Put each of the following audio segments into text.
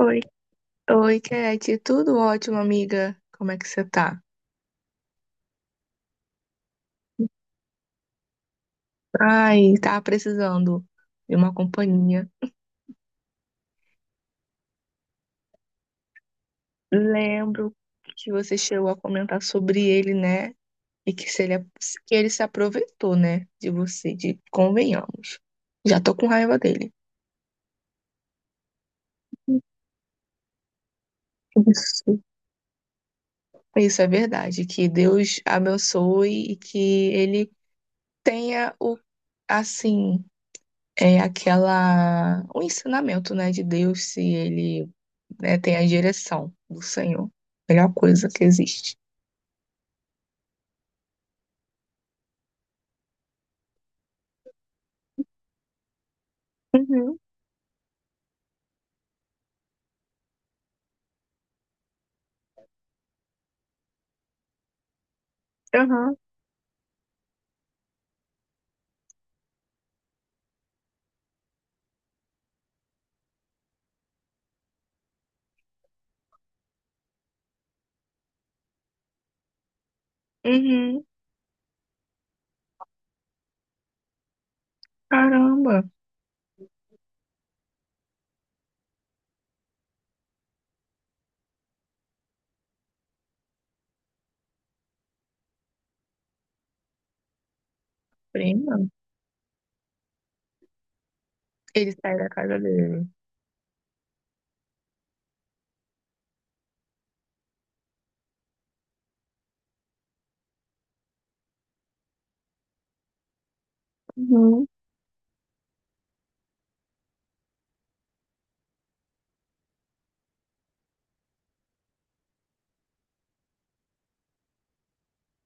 Oi, oi, Kate. Tudo ótimo, amiga? Como é que você tá? Ai, tava precisando de uma companhia. Lembro que você chegou a comentar sobre ele, né? E que se ele, que ele se aproveitou, né? De você, de convenhamos. Já tô com raiva dele. Isso. Isso é verdade. Que Deus abençoe e que ele tenha o, assim. É aquela o ensinamento, né, de Deus, se ele, né, tem a direção do Senhor. Melhor coisa que existe. Uhum. Aham. Uhum. Caramba. Prima. Ele sai da casa dele. Uhum.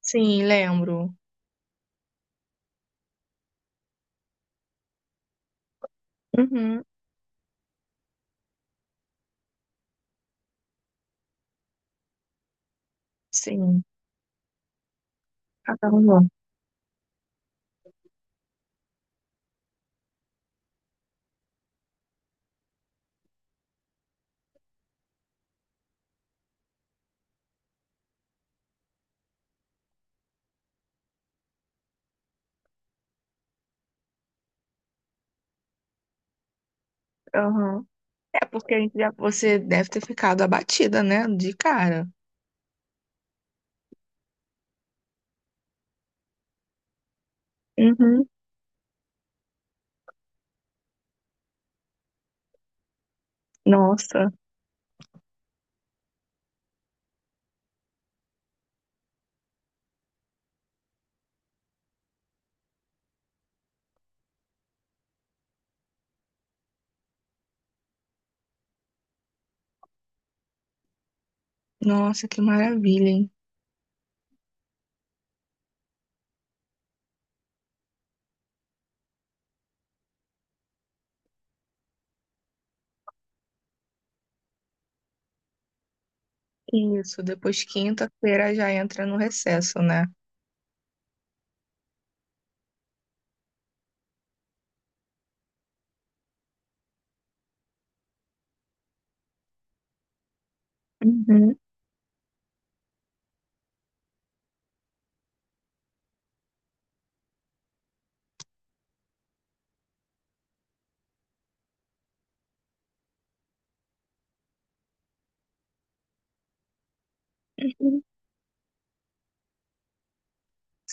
Sim, lembro. Uhum. Sim, caramba. Aham. É porque a gente já, você deve ter ficado abatida, né, de cara. Uhum. Nossa. Nossa, que maravilha, hein? Isso, depois quinta-feira já entra no recesso, né? Uhum. Uhum.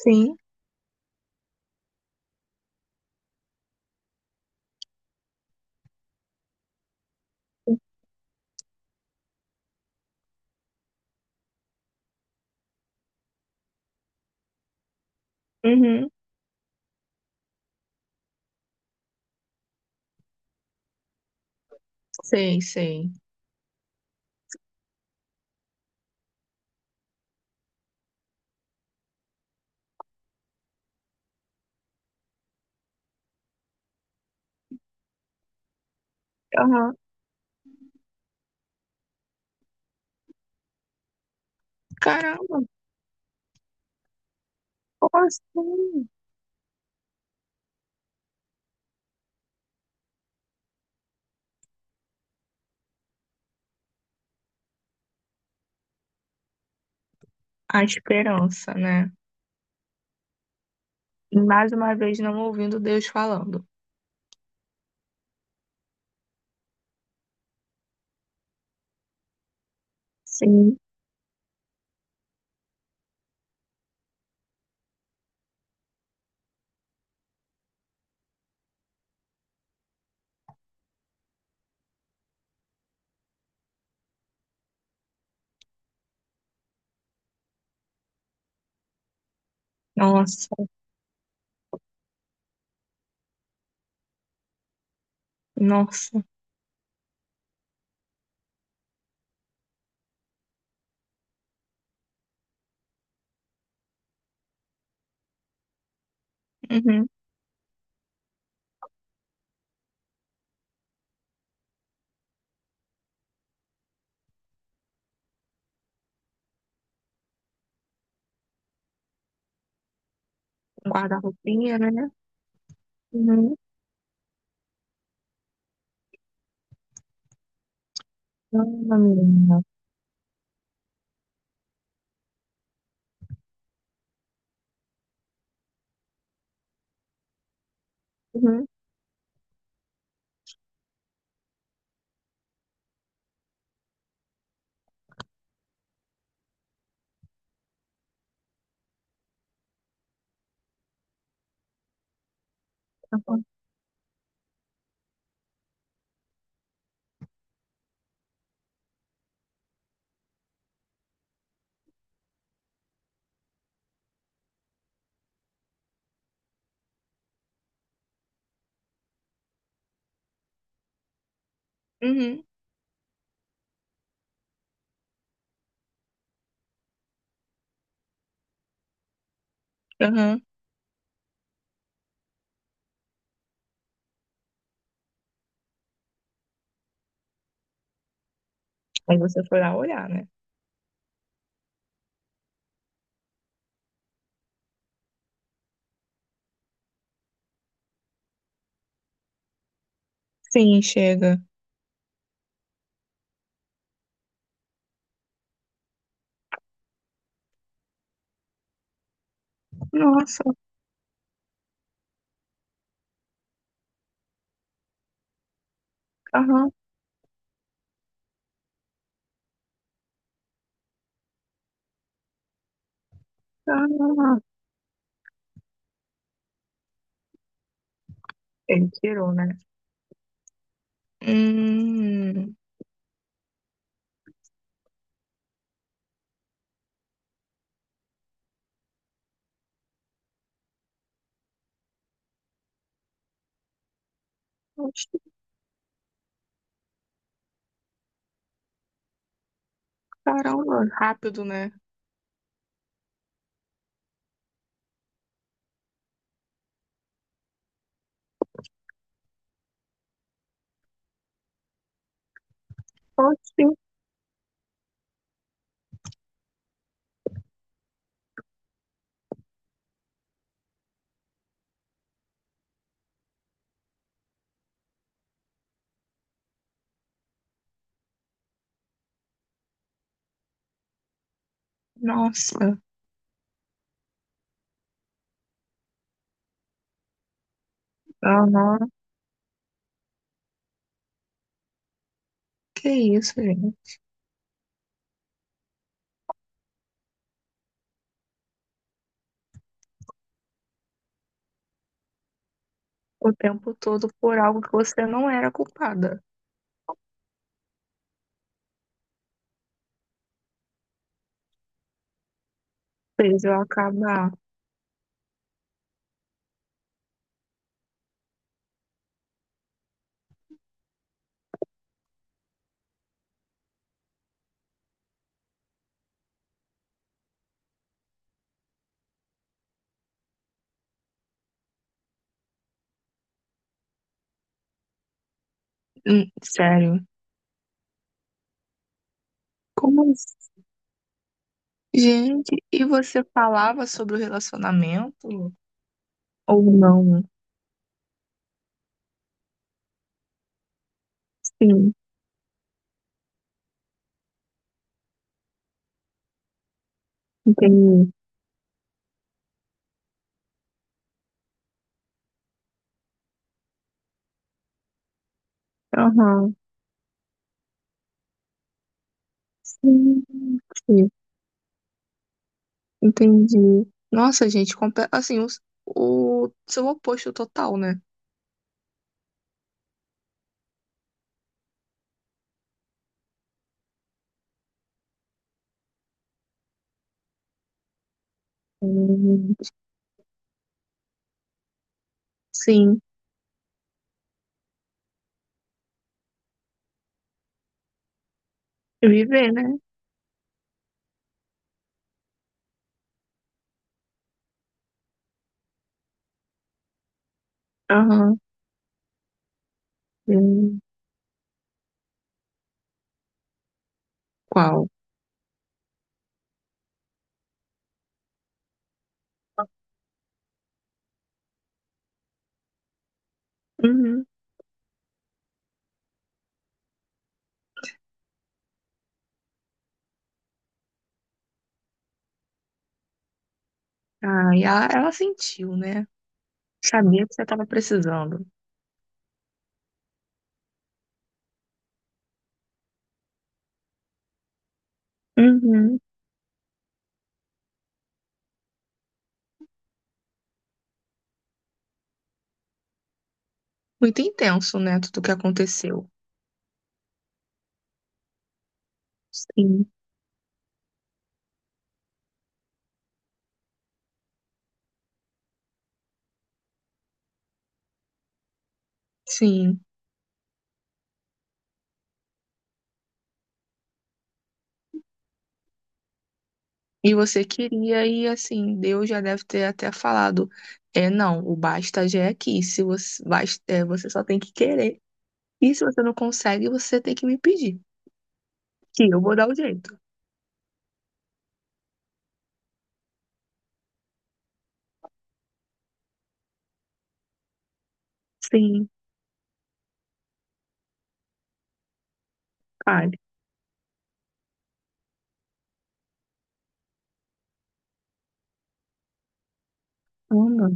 Sim. Uhum. Sei, sei. Aham. Caramba, como assim? A esperança, né? Mais uma vez não ouvindo Deus falando. Sim. Nossa. Nossa. Uhum. Guarda-roupinha, né? Uhum. Caramba, menina. Uhum. Aham. Uhum. Aham. Aí você foi lá olhar, né? Sim, chega. Nossa. Aham. Caramba. Ele tirou, né? Hum. Oxe. Caramba, rápido, né? Oxi. Nossa, não, não, que isso, gente. O tempo todo por algo que você não era culpada. Fez eu acabar. Sério. Como assim? Gente, e você falava sobre o relacionamento? Ou não? Sim, entendi. Aham. Sim, entendi. Nossa, gente, assim, o, seu oposto total, né? Hum. Sim, viver, né? Aham. Hum. Qual? Uhum. Ah, e ela sentiu, né? Sabia que você estava precisando. Uhum. Muito intenso, né? Tudo que aconteceu. Sim. Sim. E você queria, e assim, Deus já deve ter até falado: é, não, o basta já é aqui. Se você, basta, é, você só tem que querer. E se você não consegue, você tem que me pedir. Que eu vou dar o jeito. Sim, fale. Caramba.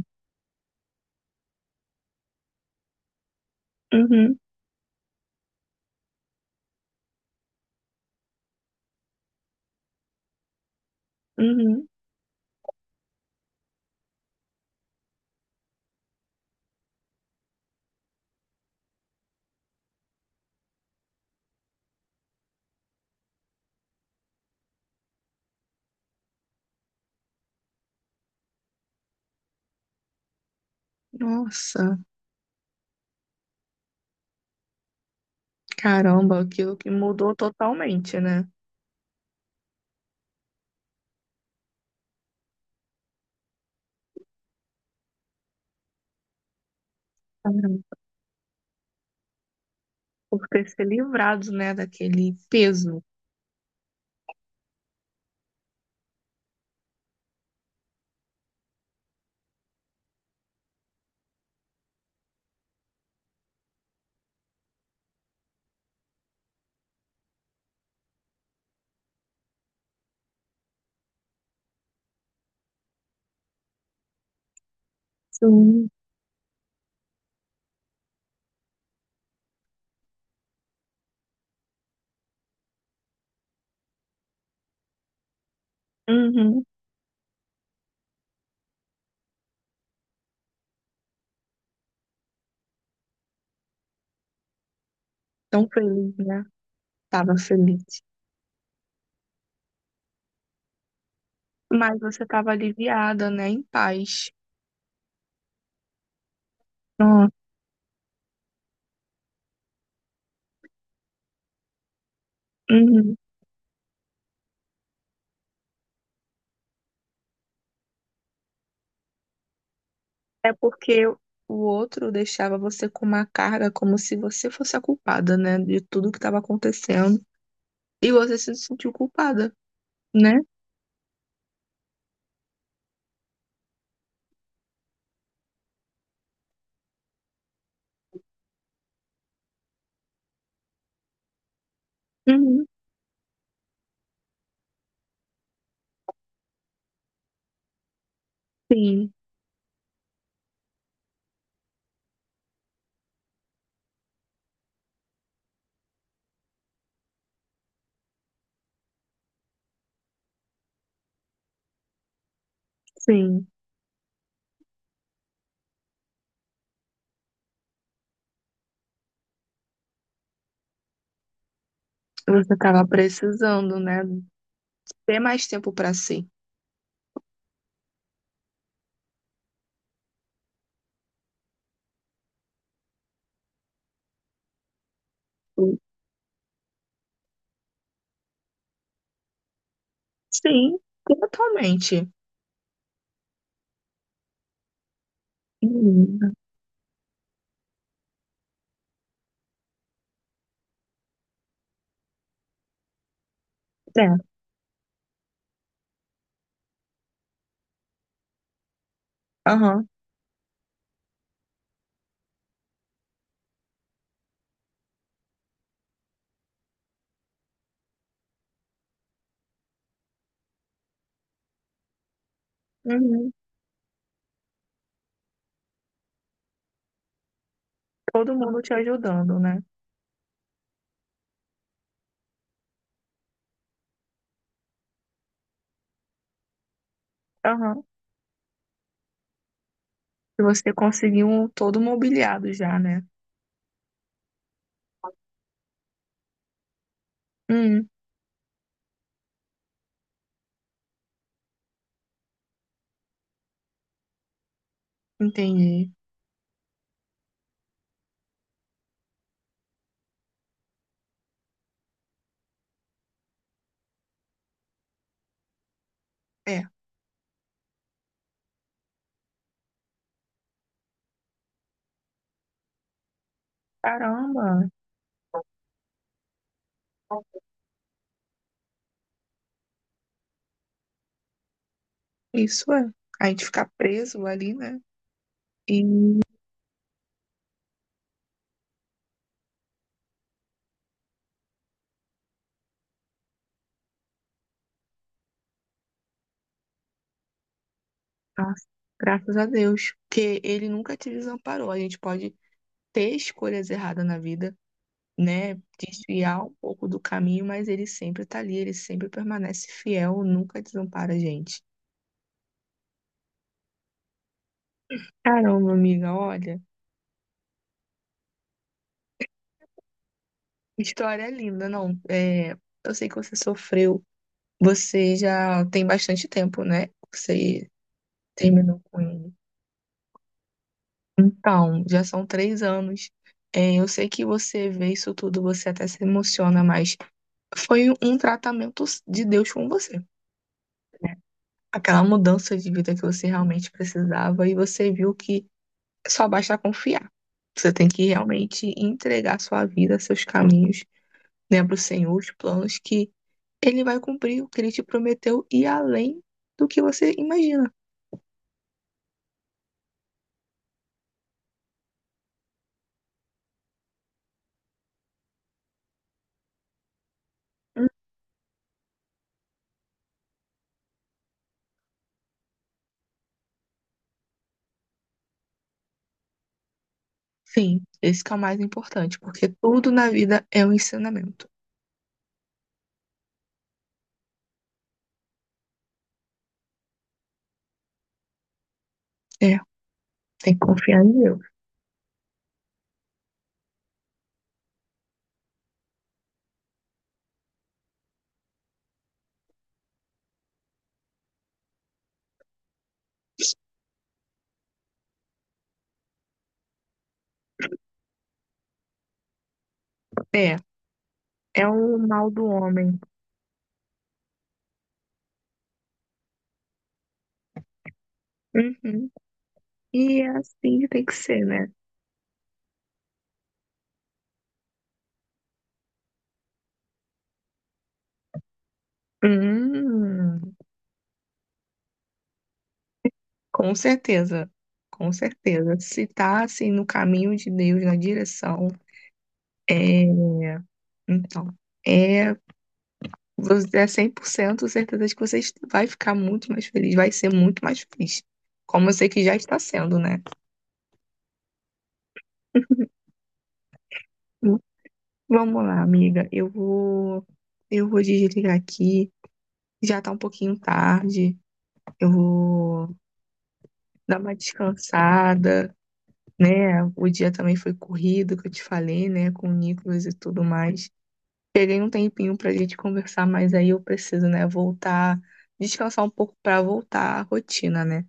Uhum. Uhum. Nossa, caramba, aquilo que mudou totalmente, né? Por ter se livrado, né, daquele peso. Sim. Uhum. Tão feliz, né? Tava feliz. Mas você tava aliviada, né, em paz. Ó. Uhum. É porque o outro deixava você com uma carga como se você fosse a culpada, né, de tudo que estava acontecendo. E você se sentiu culpada, né? Uhum. Sim, sim. Você tava precisando, né, ter mais tempo para si. Sim, totalmente. Uhum. É. Aham. Uhum. Todo mundo te ajudando, né? Aham. E você conseguiu um todo mobiliado já, né? Hum, entendi. É. Caramba, isso é. A gente ficar preso ali, né? E, nossa, graças a Deus. Porque ele nunca te desamparou. A gente pode ter escolhas erradas na vida, né? Desviar um pouco do caminho, mas ele sempre tá ali, ele sempre permanece fiel, nunca desampara a gente. Caramba, amiga, olha. História é linda, não. É, eu sei que você sofreu, você já tem bastante tempo, né? Você terminou com ele. Então, já são 3 anos. É, eu sei que você vê isso tudo, você até se emociona, mas foi um tratamento de Deus com você. Aquela mudança de vida que você realmente precisava e você viu que só basta confiar. Você tem que realmente entregar sua vida, seus caminhos, né, para o Senhor, os planos que ele vai cumprir o que ele te prometeu e além do que você imagina. Enfim, esse que é o mais importante, porque tudo na vida é um ensinamento. É, tem que confiar em Deus. É, é o mal do homem. Uhum. E é assim que tem que ser, né? Hum, com certeza, com certeza. Se tá assim no caminho de Deus, na direção, é. Então, é, você é 100% certeza de que você vai ficar muito mais feliz, vai ser muito mais feliz. Como eu sei que já está sendo, né? Vamos lá, amiga. Eu vou desligar aqui. Já tá um pouquinho tarde. Eu vou dar uma descansada, né? O dia também foi corrido, que eu te falei, né? Com o Nicolas e tudo mais. Peguei um tempinho pra gente conversar, mas aí eu preciso, né? Voltar, descansar um pouco pra voltar à rotina, né?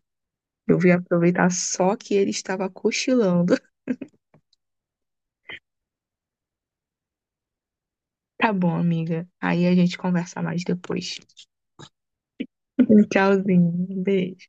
Eu vim aproveitar só que ele estava cochilando. Tá bom, amiga. Aí a gente conversa mais depois. Tchauzinho. Beijo.